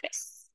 Pues,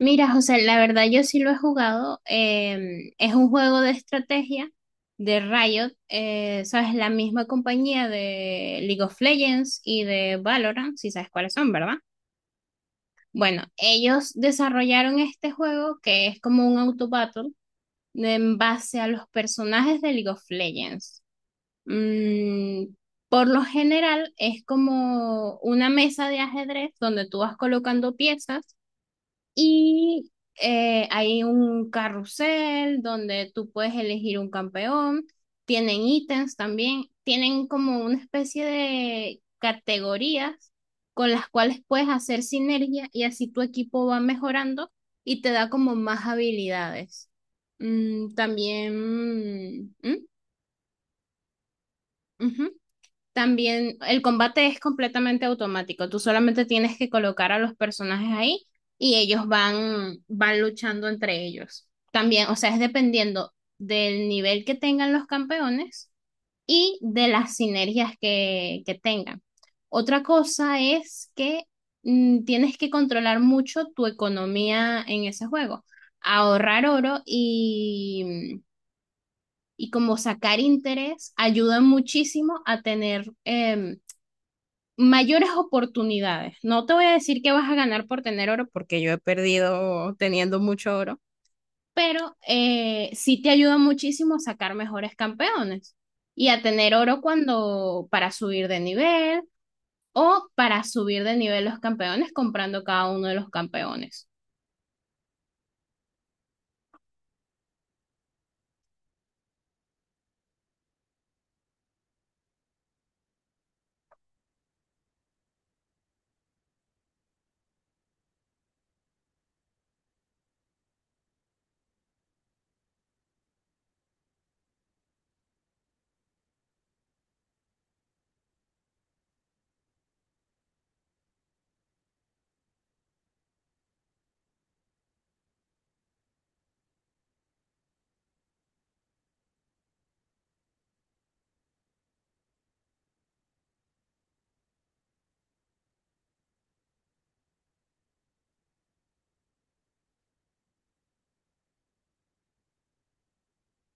mira, José, la verdad yo sí lo he jugado. Es un juego de estrategia de Riot, sabes, la misma compañía de League of Legends y de Valorant, si sabes cuáles son, ¿verdad? Bueno, ellos desarrollaron este juego que es como un auto battle en base a los personajes de League of Legends. Mm, por lo general es como una mesa de ajedrez donde tú vas colocando piezas y hay un carrusel donde tú puedes elegir un campeón. Tienen ítems también. Tienen como una especie de categorías con las cuales puedes hacer sinergia y así tu equipo va mejorando y te da como más habilidades. Mm, también... mm, ¿mm? Ujú. También el combate es completamente automático. Tú solamente tienes que colocar a los personajes ahí y ellos van luchando entre ellos. También, o sea, es dependiendo del nivel que tengan los campeones y de las sinergias que tengan. Otra cosa es que tienes que controlar mucho tu economía en ese juego. Ahorrar oro y como sacar interés ayuda muchísimo a tener mayores oportunidades. No te voy a decir que vas a ganar por tener oro, porque yo he perdido teniendo mucho oro, pero sí te ayuda muchísimo a sacar mejores campeones y a tener oro cuando para subir de nivel o para subir de nivel los campeones comprando cada uno de los campeones.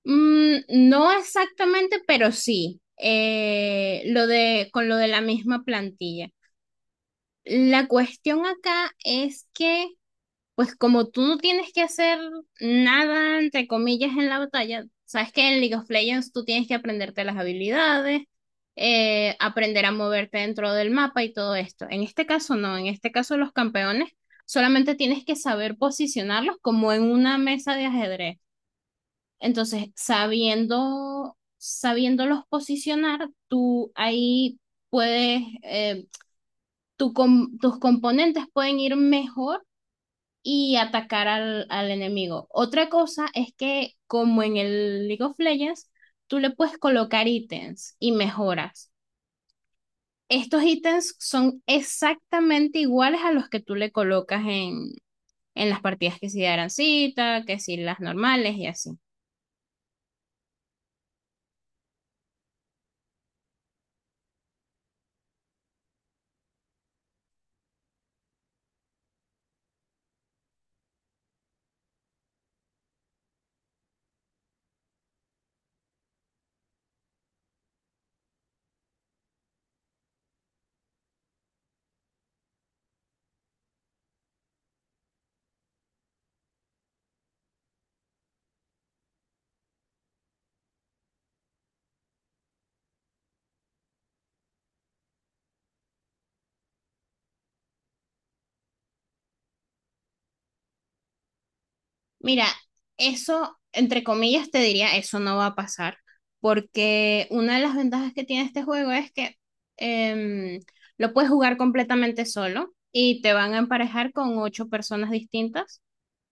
Mm, no exactamente, pero sí. Lo de con lo de la misma plantilla. La cuestión acá es que pues como tú no tienes que hacer nada, entre comillas, en la batalla, sabes que en League of Legends tú tienes que aprenderte las habilidades, aprender a moverte dentro del mapa y todo esto. En este caso no, en este caso los campeones solamente tienes que saber posicionarlos como en una mesa de ajedrez. Entonces, sabiendo, sabiéndolos posicionar, tú ahí puedes, tus componentes pueden ir mejor y atacar al, al enemigo. Otra cosa es que, como en el League of Legends, tú le puedes colocar ítems y mejoras. Estos ítems son exactamente iguales a los que tú le colocas en las partidas que si de Arancita, que si las normales y así. Mira, eso, entre comillas, te diría, eso no va a pasar, porque una de las ventajas que tiene este juego es que em, lo puedes jugar completamente solo y te van a emparejar con ocho personas distintas.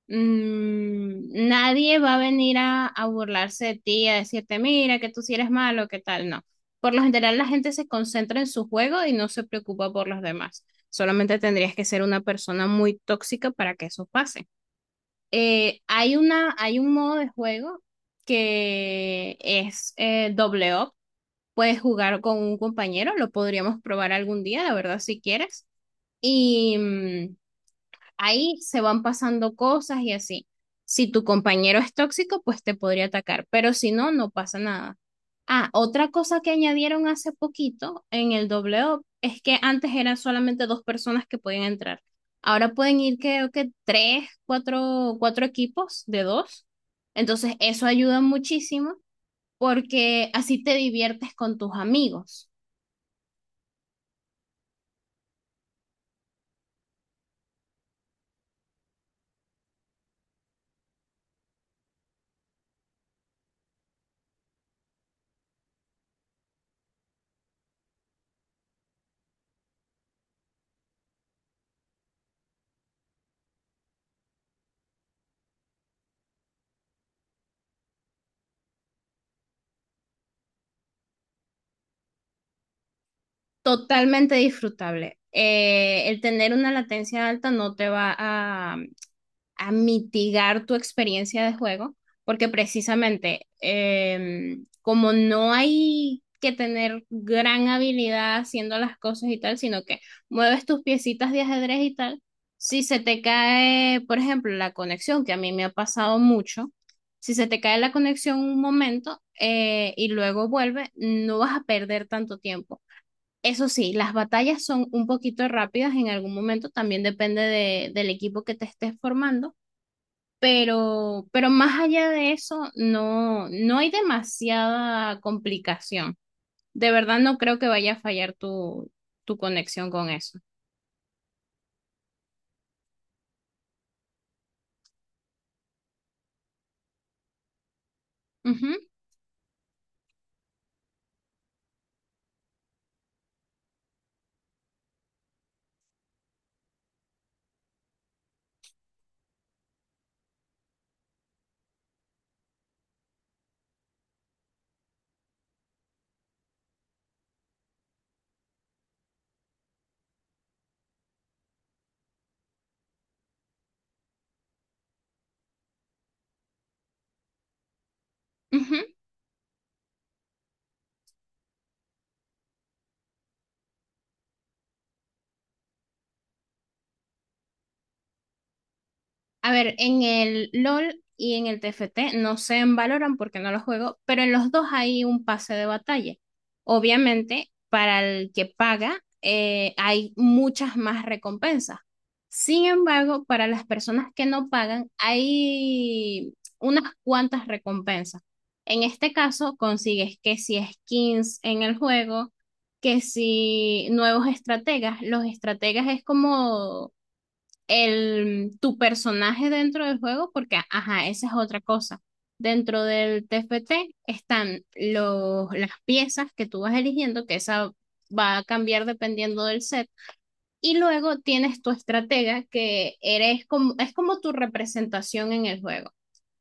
Mm, nadie va a venir a burlarse de ti, a decirte, mira, que tú si eres malo, qué tal, no. Por lo general, la gente se concentra en su juego y no se preocupa por los demás. Solamente tendrías que ser una persona muy tóxica para que eso pase. Hay una, hay un modo de juego que es doble up. Puedes jugar con un compañero, lo podríamos probar algún día, la verdad, si quieres. Y, ahí se van pasando cosas y así. Si tu compañero es tóxico, pues te podría atacar, pero si no, no pasa nada. Ah, otra cosa que añadieron hace poquito en el W es que antes eran solamente dos personas que podían entrar. Ahora pueden ir, creo que tres, cuatro, cuatro equipos de dos. Entonces, eso ayuda muchísimo porque así te diviertes con tus amigos. Totalmente disfrutable. El tener una latencia alta no te va a mitigar tu experiencia de juego, porque precisamente como no hay que tener gran habilidad haciendo las cosas y tal, sino que mueves tus piecitas de ajedrez y tal, si se te cae, por ejemplo, la conexión, que a mí me ha pasado mucho, si se te cae la conexión un momento y luego vuelve, no vas a perder tanto tiempo. Eso sí, las batallas son un poquito rápidas en algún momento, también depende del equipo que te estés formando pero más allá de eso, no, no hay demasiada complicación. De verdad no creo que vaya a fallar tu, tu conexión con eso. Ujú, ujú. A ver, en el LOL y en el TFT no se en Valorant porque no lo juego, pero en los dos hay un pase de batalla. Obviamente, para el que paga, hay muchas más recompensas. Sin embargo, para las personas que no pagan, hay unas cuantas recompensas. En este caso, consigues que si skins en el juego, que si nuevos estrategas, los estrategas es como el, tu personaje dentro del juego, porque, ajá, esa es otra cosa. Dentro del TFT están los, las piezas que tú vas eligiendo, que esa va a cambiar dependiendo del set, y luego tienes tu estratega, que eres como, es como tu representación en el juego.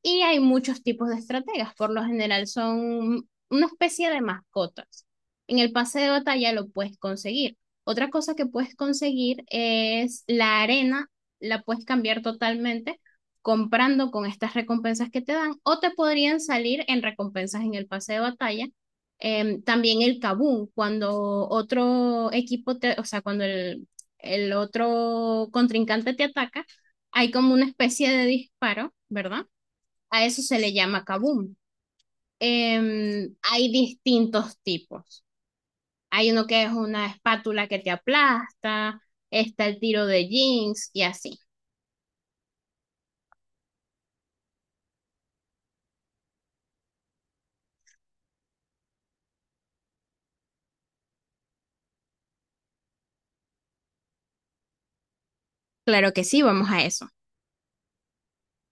Y hay muchos tipos de estrategas, por lo general son una especie de mascotas. En el pase de batalla lo puedes conseguir. Otra cosa que puedes conseguir es la arena, la puedes cambiar totalmente comprando con estas recompensas que te dan o te podrían salir en recompensas en el pase de batalla. También el kabum, cuando otro equipo te, o sea, cuando el otro contrincante te ataca, hay como una especie de disparo, ¿verdad? A eso se le llama kaboom. Hay distintos tipos. Hay uno que es una espátula que te aplasta, está el tiro de jeans y así. Claro que sí, vamos a eso.